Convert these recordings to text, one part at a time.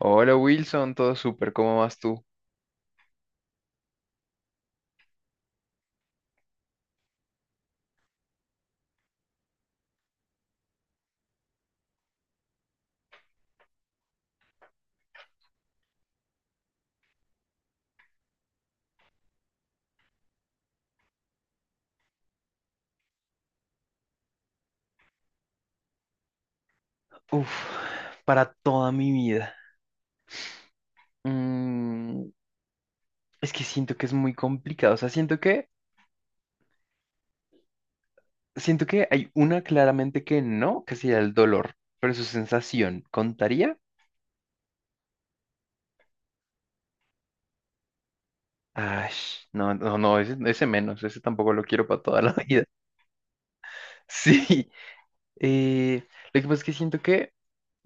Hola Wilson, todo súper, ¿cómo vas tú? Uf, para toda mi vida. Mm, es que siento que es muy complicado. O sea, siento que hay una claramente que no, que sería el dolor, pero su sensación, ¿contaría? Ay, no, no, no, ese menos, ese tampoco lo quiero para toda la vida. Sí, Eh, lo que pasa es que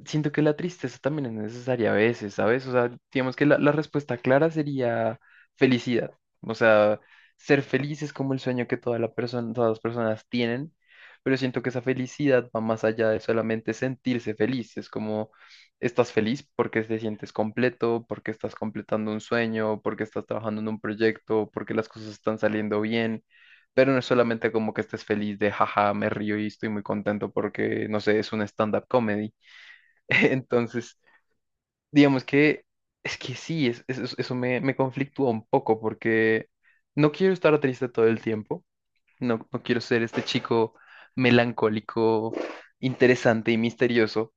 siento que la tristeza también es necesaria a veces, ¿sabes? O sea, digamos que la respuesta clara sería felicidad. O sea, ser feliz es como el sueño que todas las personas tienen, pero siento que esa felicidad va más allá de solamente sentirse feliz. Es como, estás feliz porque te sientes completo, porque estás completando un sueño, porque estás trabajando en un proyecto, porque las cosas están saliendo bien. Pero no es solamente como que estés feliz de jaja, me río y estoy muy contento porque, no sé, es un stand-up comedy. Entonces, digamos que es que sí, eso me conflictúa un poco porque no quiero estar triste todo el tiempo, no quiero ser este chico melancólico, interesante y misterioso,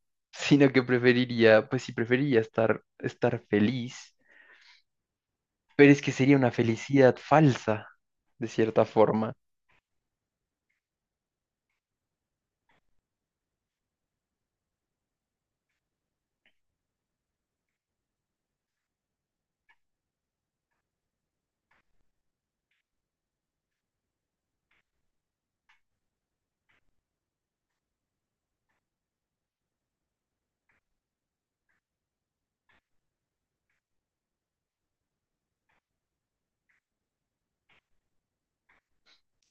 sino que preferiría, pues sí, preferiría estar feliz, pero es que sería una felicidad falsa, de cierta forma.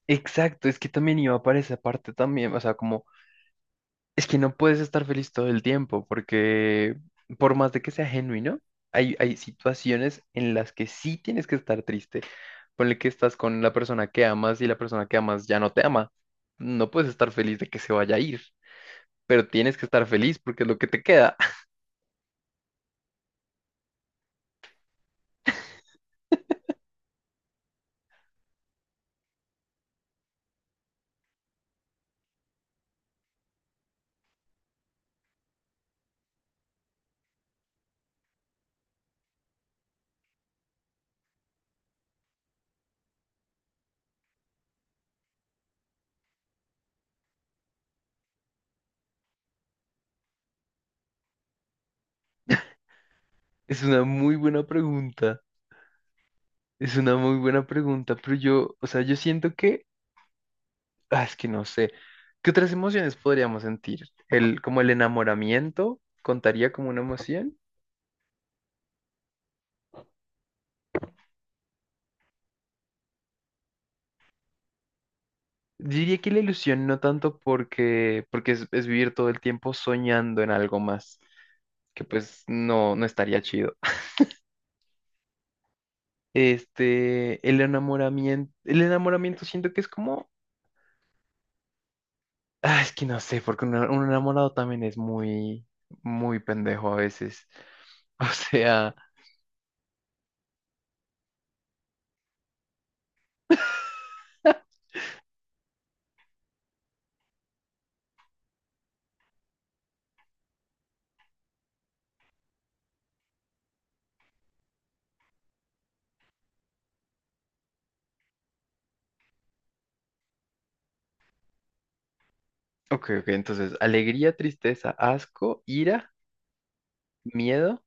Exacto, es que también iba para esa parte también, o sea, como es que no puedes estar feliz todo el tiempo porque por más de que sea genuino, hay situaciones en las que sí tienes que estar triste. Ponle que estás con la persona que amas y la persona que amas ya no te ama. No puedes estar feliz de que se vaya a ir, pero tienes que estar feliz porque es lo que te queda. Es una muy buena pregunta, es una muy buena pregunta, pero yo, o sea, yo siento que es que no sé. ¿Qué otras emociones podríamos sentir? Como el enamoramiento contaría como una emoción. Diría que la ilusión no tanto porque es vivir todo el tiempo soñando en algo más, que pues no estaría chido. El enamoramiento siento que es como, es que no sé, porque un enamorado también es muy, muy pendejo a veces. O sea, ok, ok, entonces, alegría, tristeza, asco, ira, miedo.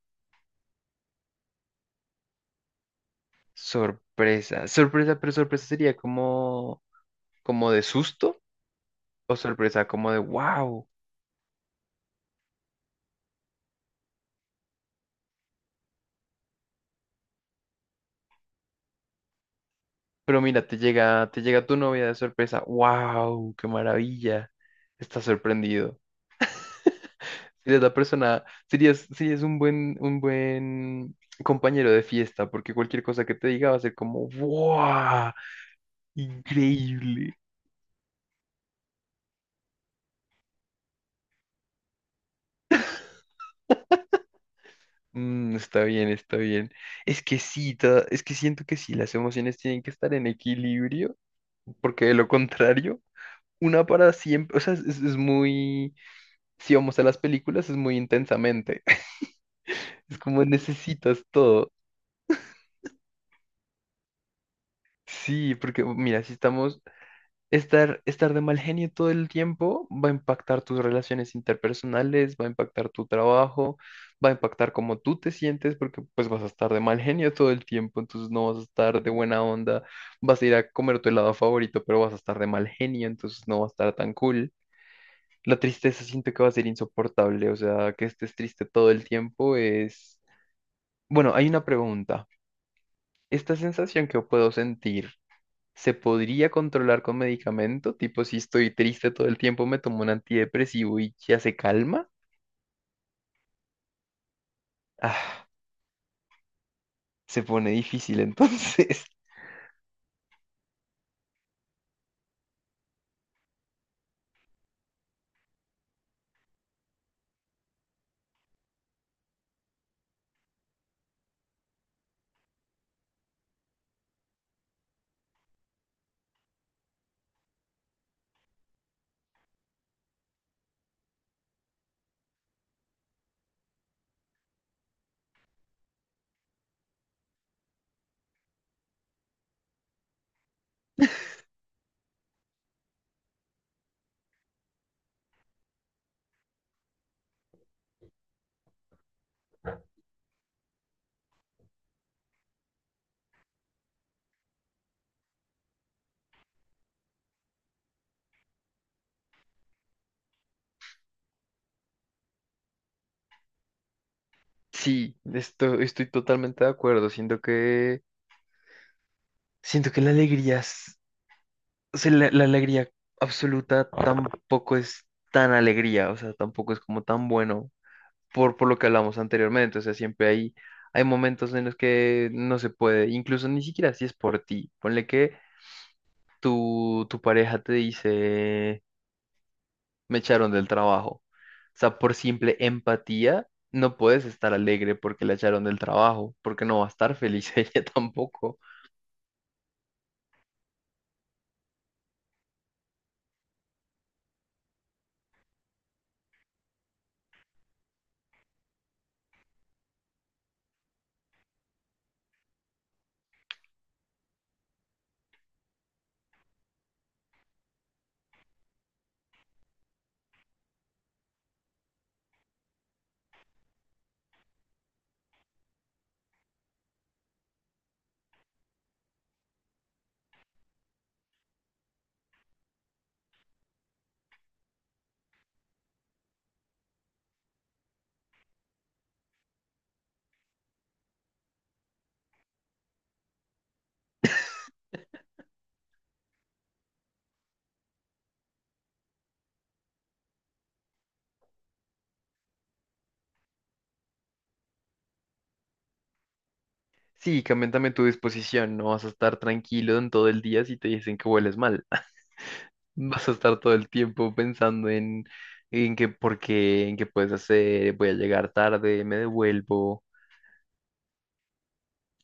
Sorpresa. Sorpresa, pero sorpresa sería como de susto o sorpresa como de wow. Pero mira, te llega tu novia de sorpresa. ¡Wow! ¡Qué maravilla! Estás sorprendido. Serías la persona, serías, Serías un buen compañero de fiesta, porque cualquier cosa que te diga va a ser como ¡Wow! ¡Increíble! Está bien, está bien. Es que sí, es que siento que sí, las emociones tienen que estar en equilibrio, porque de lo contrario, una para siempre, o sea, muy, si vamos a las películas, es muy intensamente. Es como necesitas todo. Sí, porque mira, si estamos, estar, estar de mal genio todo el tiempo va a impactar tus relaciones interpersonales, va a impactar tu trabajo, va a impactar cómo tú te sientes, porque pues vas a estar de mal genio todo el tiempo, entonces no vas a estar de buena onda, vas a ir a comer tu helado favorito, pero vas a estar de mal genio, entonces no va a estar tan cool. La tristeza siento que va a ser insoportable, o sea, que estés triste todo el tiempo es. Bueno, hay una pregunta. ¿Esta sensación que puedo sentir se podría controlar con medicamento? Tipo, si estoy triste todo el tiempo, me tomo un antidepresivo y ya se calma. Ah, se pone difícil entonces. Sí, estoy totalmente de acuerdo. Siento que la alegría, O sea, la alegría absoluta tampoco es tan alegría, o sea, tampoco es como tan bueno por lo que hablamos anteriormente. O sea, siempre hay momentos en los que no se puede, incluso ni siquiera si es por ti. Ponle que tu pareja te dice, me echaron del trabajo. O sea, por simple empatía, no puedes estar alegre porque la echaron del trabajo, porque no va a estar feliz ella tampoco. Sí, cambian también tu disposición, no vas a estar tranquilo en todo el día si te dicen que hueles mal. Vas a estar todo el tiempo pensando en qué, por qué, en qué puedes hacer, voy a llegar tarde, me devuelvo.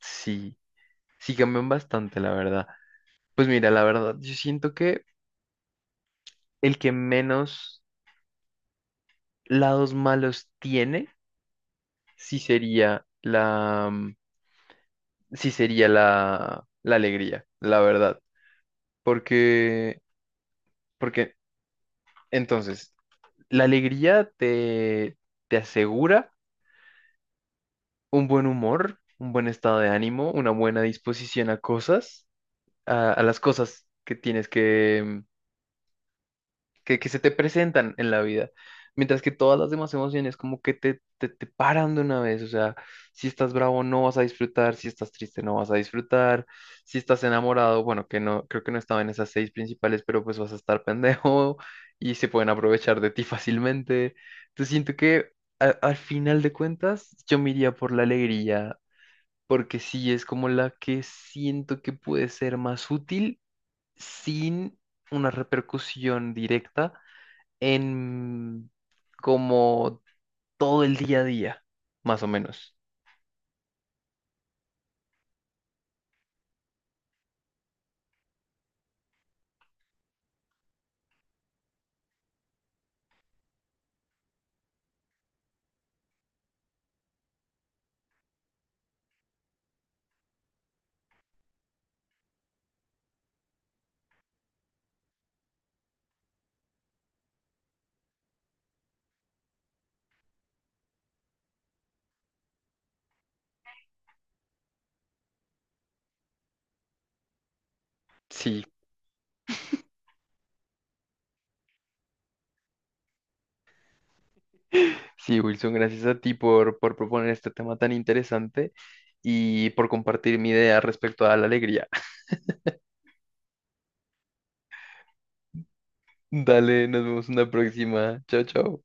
Sí, sí cambian bastante, la verdad. Pues mira, la verdad, yo siento que el que menos lados malos tiene, sí sería la, mm, sí sería la, la alegría, la verdad. Porque, Porque entonces, la alegría te asegura un buen humor, un buen estado de ánimo, una buena disposición a las cosas que tienes que se te presentan en la vida. Mientras que todas las demás emociones como que te paran de una vez, o sea, si estás bravo no vas a disfrutar, si estás triste no vas a disfrutar, si estás enamorado, bueno, que no, creo que no estaba en esas seis principales, pero pues vas a estar pendejo y se pueden aprovechar de ti fácilmente. Entonces siento que al final de cuentas, yo me iría por la alegría porque sí es como la que siento que puede ser más útil sin una repercusión directa en como todo el día a día, más o menos. Sí, sí, Wilson, gracias a ti por proponer este tema tan interesante y por compartir mi idea respecto a la alegría. Dale, nos vemos en la próxima. Chao, chao.